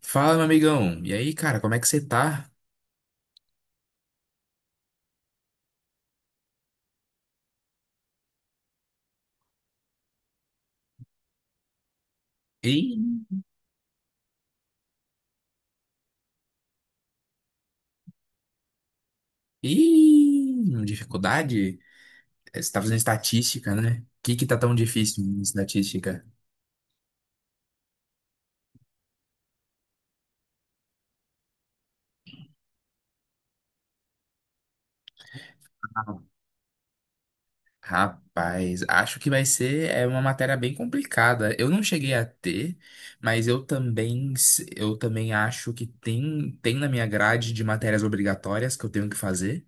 Fala, meu amigão. E aí, cara, como é que você tá? Ih, ih, dificuldade? É, você tá fazendo estatística, né? O que que tá tão difícil em estatística? Ah, Rapaz, acho que vai ser é uma matéria bem complicada. Eu não cheguei a ter, mas eu também acho que tem na minha grade de matérias obrigatórias que eu tenho que fazer.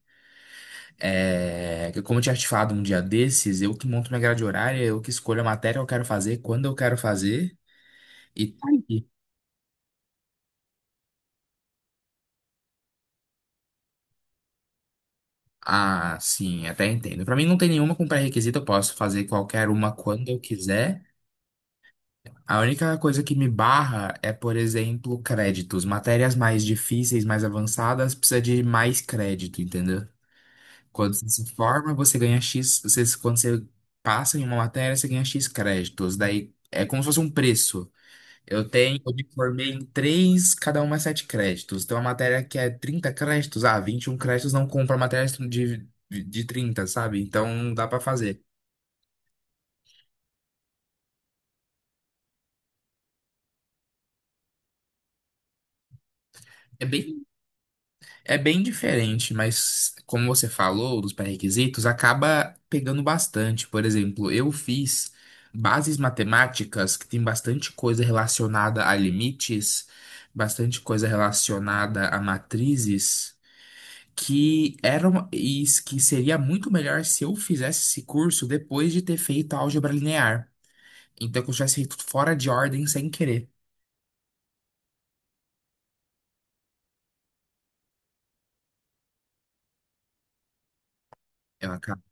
É, que como eu tinha te falado um dia desses, eu que monto minha grade horária, eu que escolho a matéria que eu quero fazer, quando eu quero fazer e tá aí. Ah, sim, até entendo. Pra mim não tem nenhuma com pré-requisito, eu posso fazer qualquer uma quando eu quiser. A única coisa que me barra é, por exemplo, créditos. Matérias mais difíceis, mais avançadas, precisa de mais crédito, entendeu? Quando você se forma, você ganha X, quando você passa em uma matéria, você ganha X créditos. Daí é como se fosse um preço. Eu me formei em três, cada uma 7 créditos. Tem uma matéria que é 30 créditos, ah, 21 créditos não compra matéria de 30 sabe? Então não dá pra fazer. É bem, é bem diferente, mas como você falou dos pré-requisitos, acaba pegando bastante. Por exemplo, eu fiz bases matemáticas, que tem bastante coisa relacionada a limites, bastante coisa relacionada a matrizes. Que era uma, e s- Que seria muito melhor se eu fizesse esse curso depois de ter feito álgebra linear. Então, que eu tivesse feito fora de ordem sem querer. Eu acabo.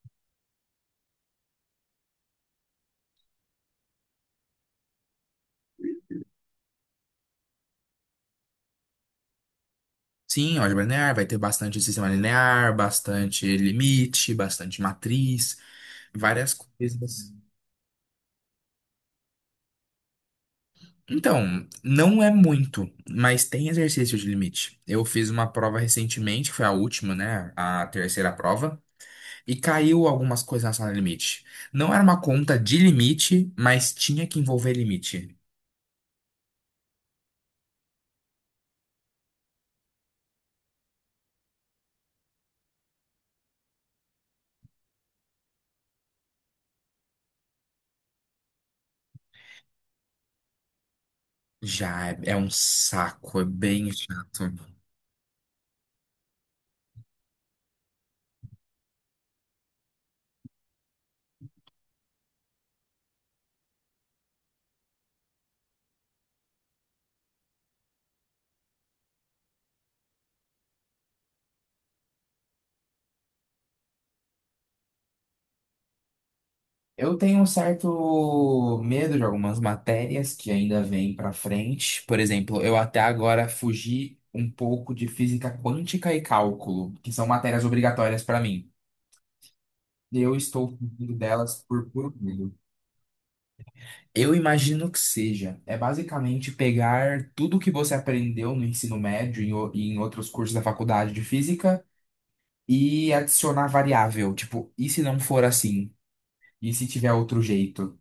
Sim, álgebra linear vai ter bastante sistema linear, bastante limite, bastante matriz, várias coisas. Então, não é muito, mas tem exercício de limite. Eu fiz uma prova recentemente, que foi a última, né? A terceira prova. E caiu algumas coisas na sala limite. Não era uma conta de limite, mas tinha que envolver limite. Já é, é um saco, é bem chato. Eu tenho um certo medo de algumas matérias que ainda vêm para frente. Por exemplo, eu até agora fugi um pouco de física quântica e cálculo, que são matérias obrigatórias para mim. Eu estou fugindo delas por puro medo. Eu imagino que seja. É basicamente pegar tudo o que você aprendeu no ensino médio e em outros cursos da faculdade de física e adicionar variável. Tipo, e se não for assim? E se tiver outro jeito?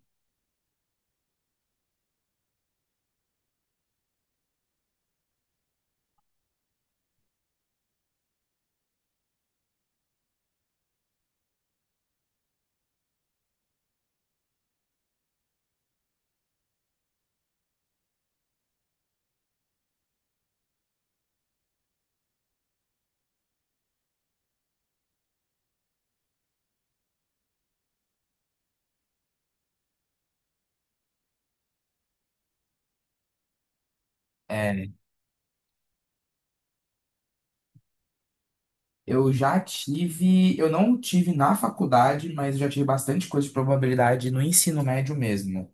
É, eu já tive. Eu não tive na faculdade, mas eu já tive bastante coisa de probabilidade no ensino médio mesmo.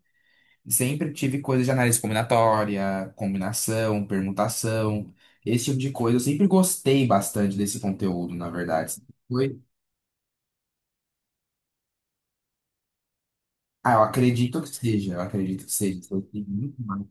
Sempre tive coisa de análise combinatória, combinação, permutação, esse tipo de coisa. Eu sempre gostei bastante desse conteúdo, na verdade. Ah, eu acredito que seja, eu acredito que seja. Isso tem muito mais.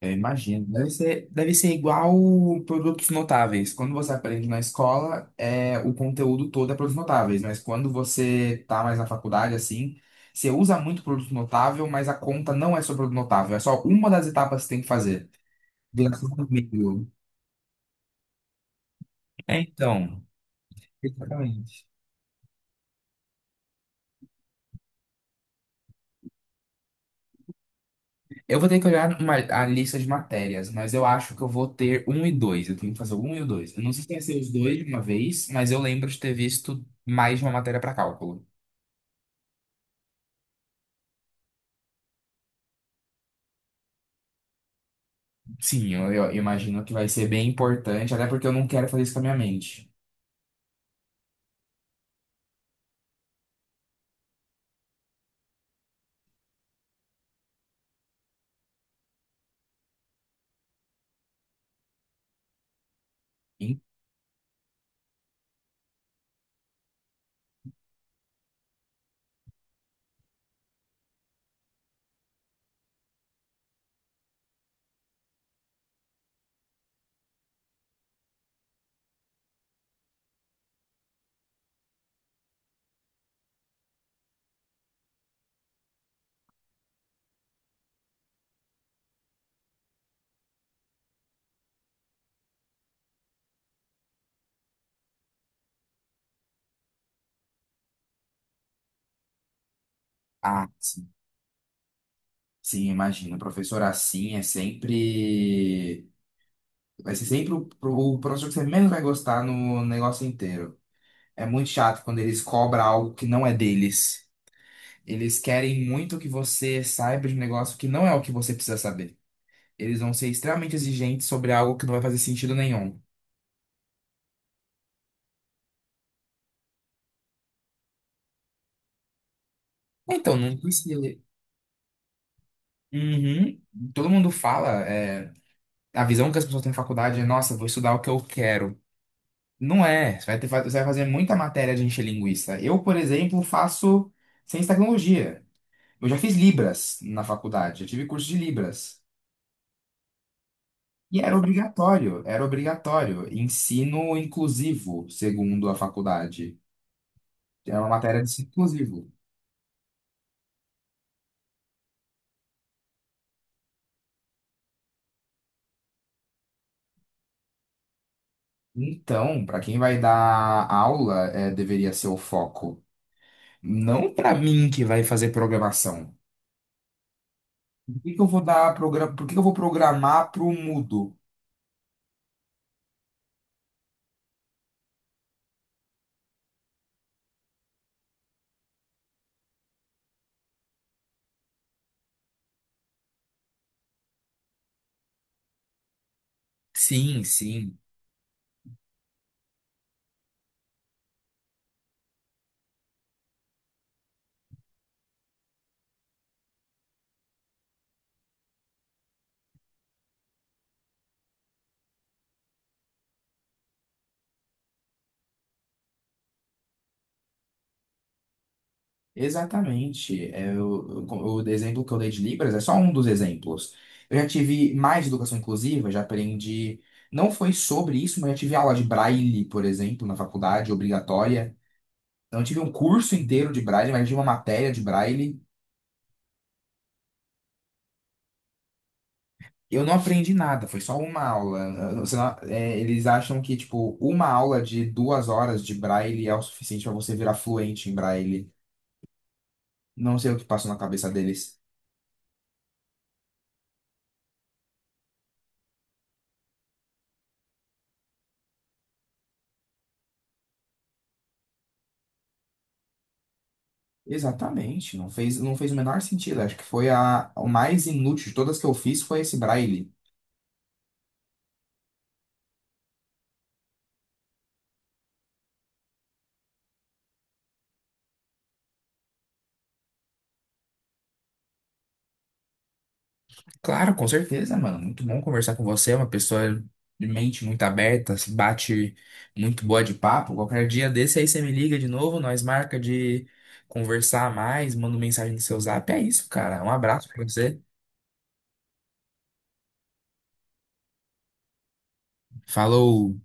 Eu imagino. Deve ser igual produtos notáveis. Quando você aprende na escola, é, o conteúdo todo é produtos notáveis, mas quando você tá mais na faculdade, assim, você usa muito produto notável, mas a conta não é sobre produto notável, é só uma das etapas que você tem que fazer. Viração do meio. É, então, exatamente. Eu vou ter que olhar uma, a lista de matérias, mas eu acho que eu vou ter um e dois. Eu tenho que fazer o um e o dois. Eu não sei se tem que ser os dois de uma vez, mas eu lembro de ter visto mais de uma matéria para cálculo. Sim, eu imagino que vai ser bem importante, até porque eu não quero fazer isso com a minha mente. Em- Ah, sim. Sim, imagino. O professor assim é sempre. Vai ser sempre o professor que você menos vai gostar no negócio inteiro. É muito chato quando eles cobram algo que não é deles. Eles querem muito que você saiba de um negócio que não é o que você precisa saber. Eles vão ser extremamente exigentes sobre algo que não vai fazer sentido nenhum. Então, não precisa. Uhum. Todo mundo fala, é, a visão que as pessoas têm na faculdade é, nossa, vou estudar o que eu quero. Não é. Você vai fazer muita matéria de encher linguiça. Eu, por exemplo, faço ciência e tecnologia. Eu já fiz Libras na faculdade, eu tive curso de Libras. E era obrigatório, era obrigatório. Ensino inclusivo, segundo a faculdade. É uma matéria de ciclo inclusivo. Então, para quem vai dar aula, é, deveria ser o foco. Não para mim que vai fazer programação. Por que que eu vou programar para o mudo? Sim, sim. Exatamente. O exemplo que eu dei de Libras é só um dos exemplos. Eu já tive mais educação inclusiva, já aprendi. Não foi sobre isso, mas já tive aula de Braille, por exemplo, na faculdade, obrigatória. Não tive um curso inteiro de Braille, mas já tive uma matéria de Braille. Eu não aprendi nada, foi só uma aula. Você não- é, eles acham que, tipo, uma aula de 2 horas de Braille é o suficiente para você virar fluente em Braille. Não sei o que passou na cabeça deles. Exatamente, não fez, não fez o menor sentido. Acho que foi o mais inútil de todas que eu fiz foi esse Braille. Claro, com certeza, mano. Muito bom conversar com você. É uma pessoa de mente muito aberta, se bate muito boa de papo. Qualquer dia desse aí você me liga de novo, nós marca de conversar mais, manda mensagem no seu zap. É isso, cara. Um abraço pra você. Falou.